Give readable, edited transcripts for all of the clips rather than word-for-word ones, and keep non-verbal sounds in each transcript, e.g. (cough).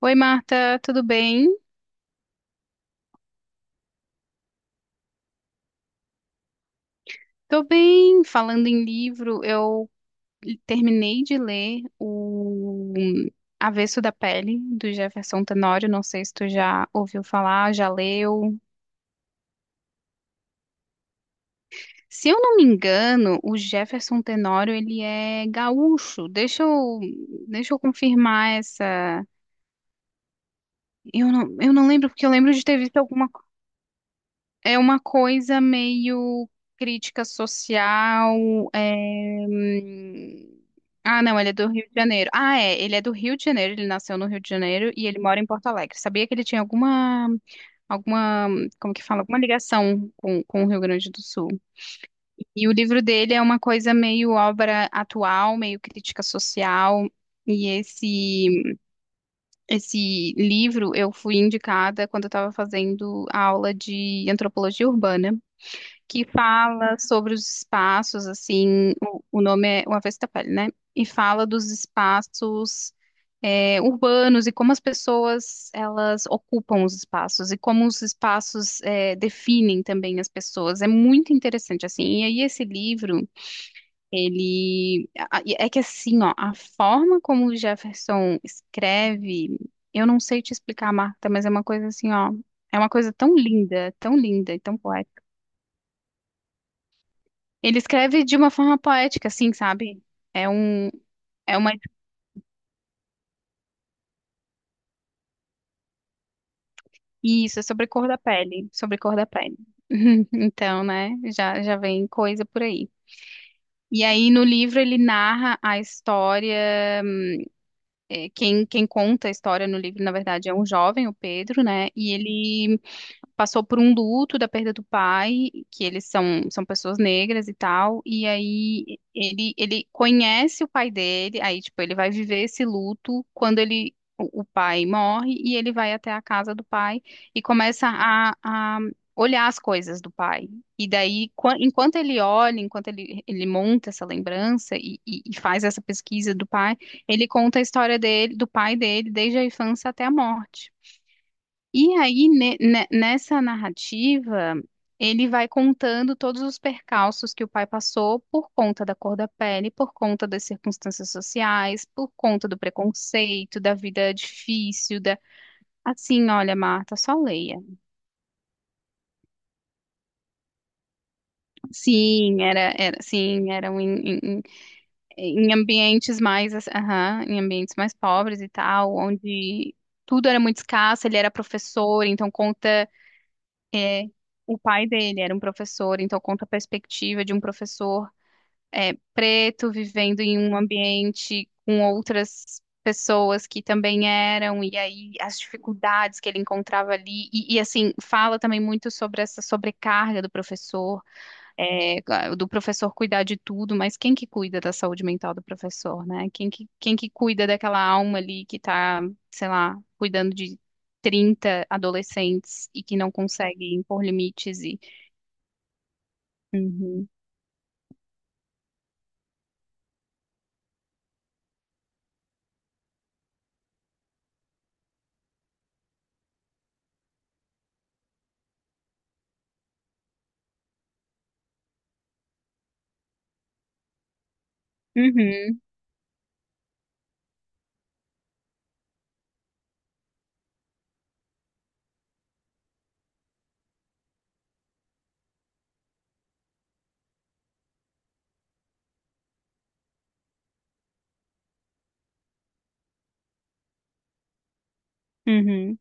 Oi, Marta, tudo bem? Tô bem. Falando em livro, eu terminei de ler o Avesso da Pele, do Jefferson Tenório. Não sei se tu já ouviu falar, já leu. Se eu não me engano, o Jefferson Tenório, ele é gaúcho. Deixa eu confirmar essa... Eu não lembro, porque eu lembro de ter visto alguma. É uma coisa meio crítica social. é, hum, Ah, não, ele é do Rio de Janeiro. Ah, é, ele é do Rio de Janeiro, ele nasceu no Rio de Janeiro e ele mora em Porto Alegre. Sabia que ele tinha alguma, como que fala, alguma ligação com o Rio Grande do Sul. E o livro dele é uma coisa meio obra atual, meio crítica social. E esse livro eu fui indicada quando eu estava fazendo a aula de antropologia urbana que fala sobre os espaços, assim, o nome é O Avesso da Pele, né? E fala dos espaços é, urbanos, e como as pessoas elas ocupam os espaços e como os espaços é, definem também as pessoas. É muito interessante, assim. E aí esse livro, ele... É que assim, ó, a forma como o Jefferson escreve, eu não sei te explicar, Marta, mas é uma coisa assim, ó, é uma coisa tão linda e tão poética. Ele escreve de uma forma poética, assim, sabe? É um, é uma, isso, é sobre cor da pele, sobre cor da pele. (laughs) Então, né, já vem coisa por aí. E aí, no livro, ele narra a história, quem conta a história no livro, na verdade, é um jovem, o Pedro, né, e ele passou por um luto da perda do pai, que eles são pessoas negras e tal, e aí ele conhece o pai dele, aí, tipo, ele vai viver esse luto quando ele, o pai morre, e ele vai até a casa do pai e começa a olhar as coisas do pai. E daí, enquanto ele olha, enquanto ele monta essa lembrança e faz essa pesquisa do pai, ele conta a história dele, do pai dele, desde a infância até a morte. E aí, nessa narrativa, ele vai contando todos os percalços que o pai passou por conta da cor da pele, por conta das circunstâncias sociais, por conta do preconceito, da vida difícil, da... Assim, olha, Marta, só leia. Sim, era, era, sim, eram em, em, em- em ambientes mais, assim, aham, em ambientes mais pobres e tal, onde tudo era muito escasso, ele era professor, então conta. É, o pai dele era um professor, então conta a perspectiva de um professor é, preto vivendo em um ambiente com outras pessoas que também eram, e aí as dificuldades que ele encontrava ali, assim, fala também muito sobre essa sobrecarga do professor, é, claro, do professor cuidar de tudo, mas quem que cuida da saúde mental do professor, né? Quem que cuida daquela alma ali que tá, sei lá, cuidando de 30 adolescentes e que não consegue impor limites e... Uhum, uhum, uhum.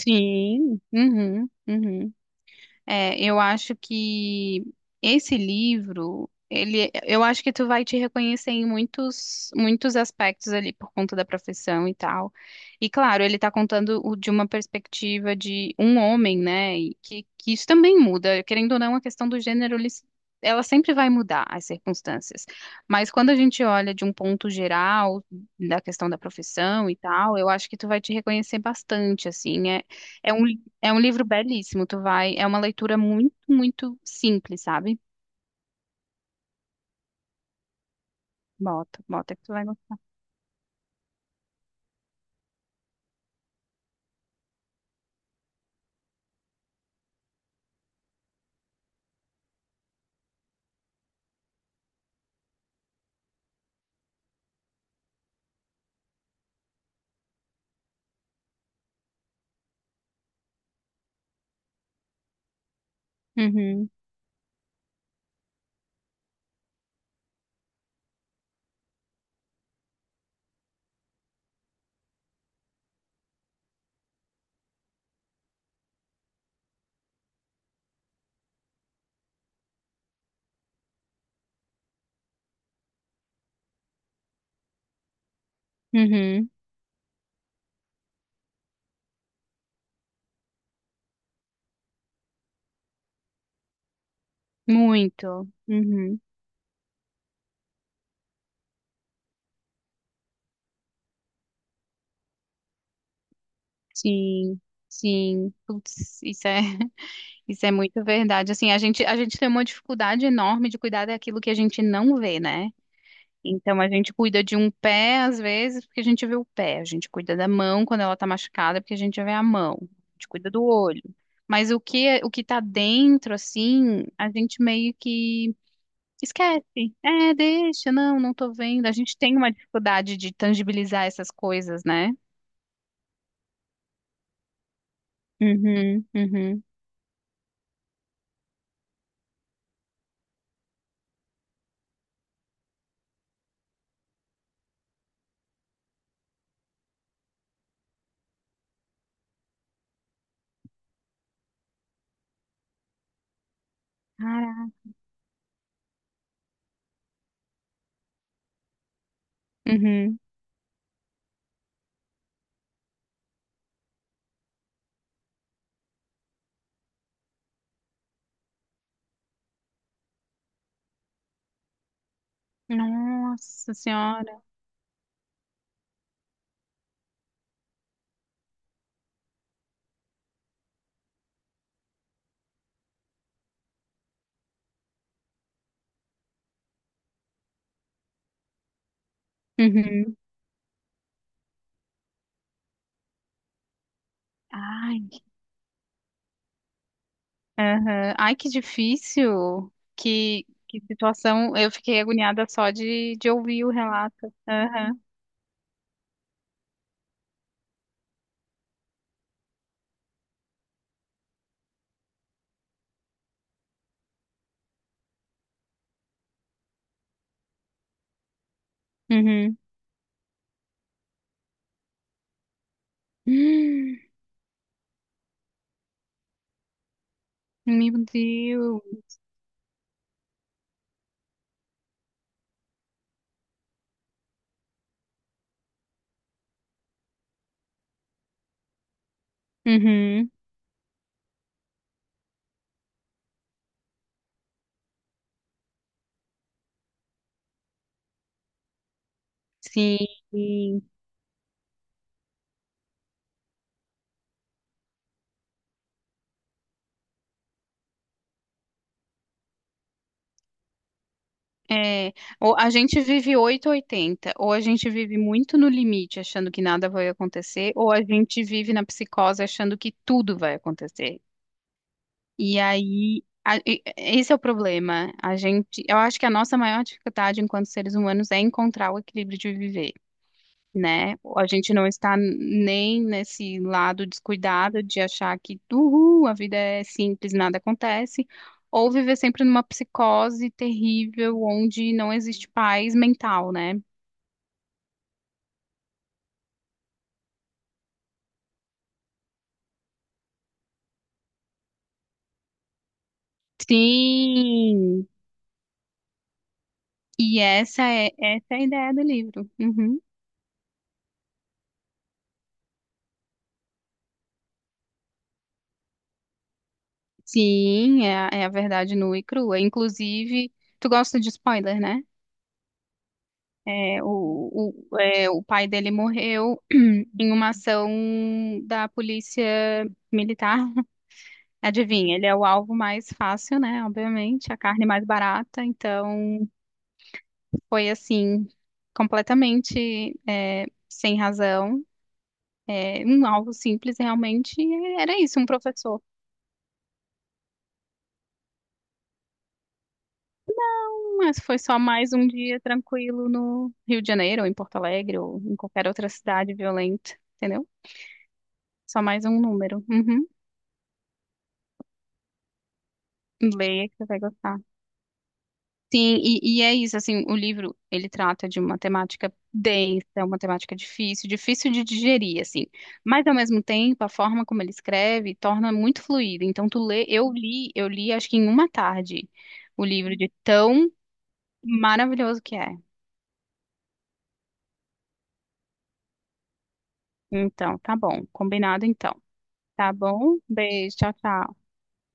Sim, uhum, uhum. É, eu acho que esse livro, ele, eu acho que tu vai te reconhecer em muitos, muitos aspectos ali por conta da profissão e tal. E claro, ele tá contando de uma perspectiva de um homem, né? E que isso também muda, querendo ou não, a questão do gênero, ela sempre vai mudar as circunstâncias. Mas quando a gente olha de um ponto geral da questão da profissão e tal, eu acho que tu vai te reconhecer bastante, assim. É, é um é um livro belíssimo, tu vai, é uma leitura muito, muito simples, sabe? Bota que tu vai gostar. Uhum, uhum, muito, uhum, sim, sim, putz, isso é, (laughs) isso é muito verdade, assim, a gente tem uma dificuldade enorme de cuidar daquilo que a gente não vê, né? Então a gente cuida de um pé às vezes porque a gente vê o pé, a gente cuida da mão quando ela tá machucada porque a gente vê a mão, a gente cuida do olho. Mas o que tá dentro assim, a gente meio que esquece. É, deixa, não, não tô vendo. A gente tem uma dificuldade de tangibilizar essas coisas, né? Uhum, uhum. Cara, uhum. Nossa senhora. Uhum. Ai, aham. Ai, que difícil. Que situação. Eu fiquei agoniada só de ouvir o relato. Aham. Uhum. (gasps) Meu Deus. Uhum. Sim. É, ou a gente vive oito ou oitenta, ou a gente vive muito no limite, achando que nada vai acontecer, ou a gente vive na psicose achando que tudo vai acontecer. E aí, esse é o problema. A gente, eu acho que a nossa maior dificuldade enquanto seres humanos é encontrar o equilíbrio de viver, né? A gente não está nem nesse lado descuidado de achar que, uhul, a vida é simples, nada acontece, ou viver sempre numa psicose terrível onde não existe paz mental, né? Sim! E essa é a ideia do livro. Uhum. Sim, é é a verdade nua e crua. Inclusive, tu gosta de spoiler, né? É, o pai dele morreu (clears throat) em uma ação da polícia militar. (laughs) Adivinha, ele é o alvo mais fácil, né? Obviamente, a carne mais barata. Então, foi assim, completamente é, sem razão. É, um alvo simples, realmente, e era isso, um professor. Mas foi só mais um dia tranquilo no Rio de Janeiro, ou em Porto Alegre, ou em qualquer outra cidade violenta, entendeu? Só mais um número. Uhum. Leia que você vai gostar. Sim, e é isso, assim, o livro, ele trata de uma temática densa, uma temática difícil, difícil de digerir, assim, mas ao mesmo tempo, a forma como ele escreve torna muito fluido, então tu lê, eu li acho que em uma tarde, o livro de tão maravilhoso que é. Então, tá bom, combinado então. Tá bom? Beijo, tchau, tchau.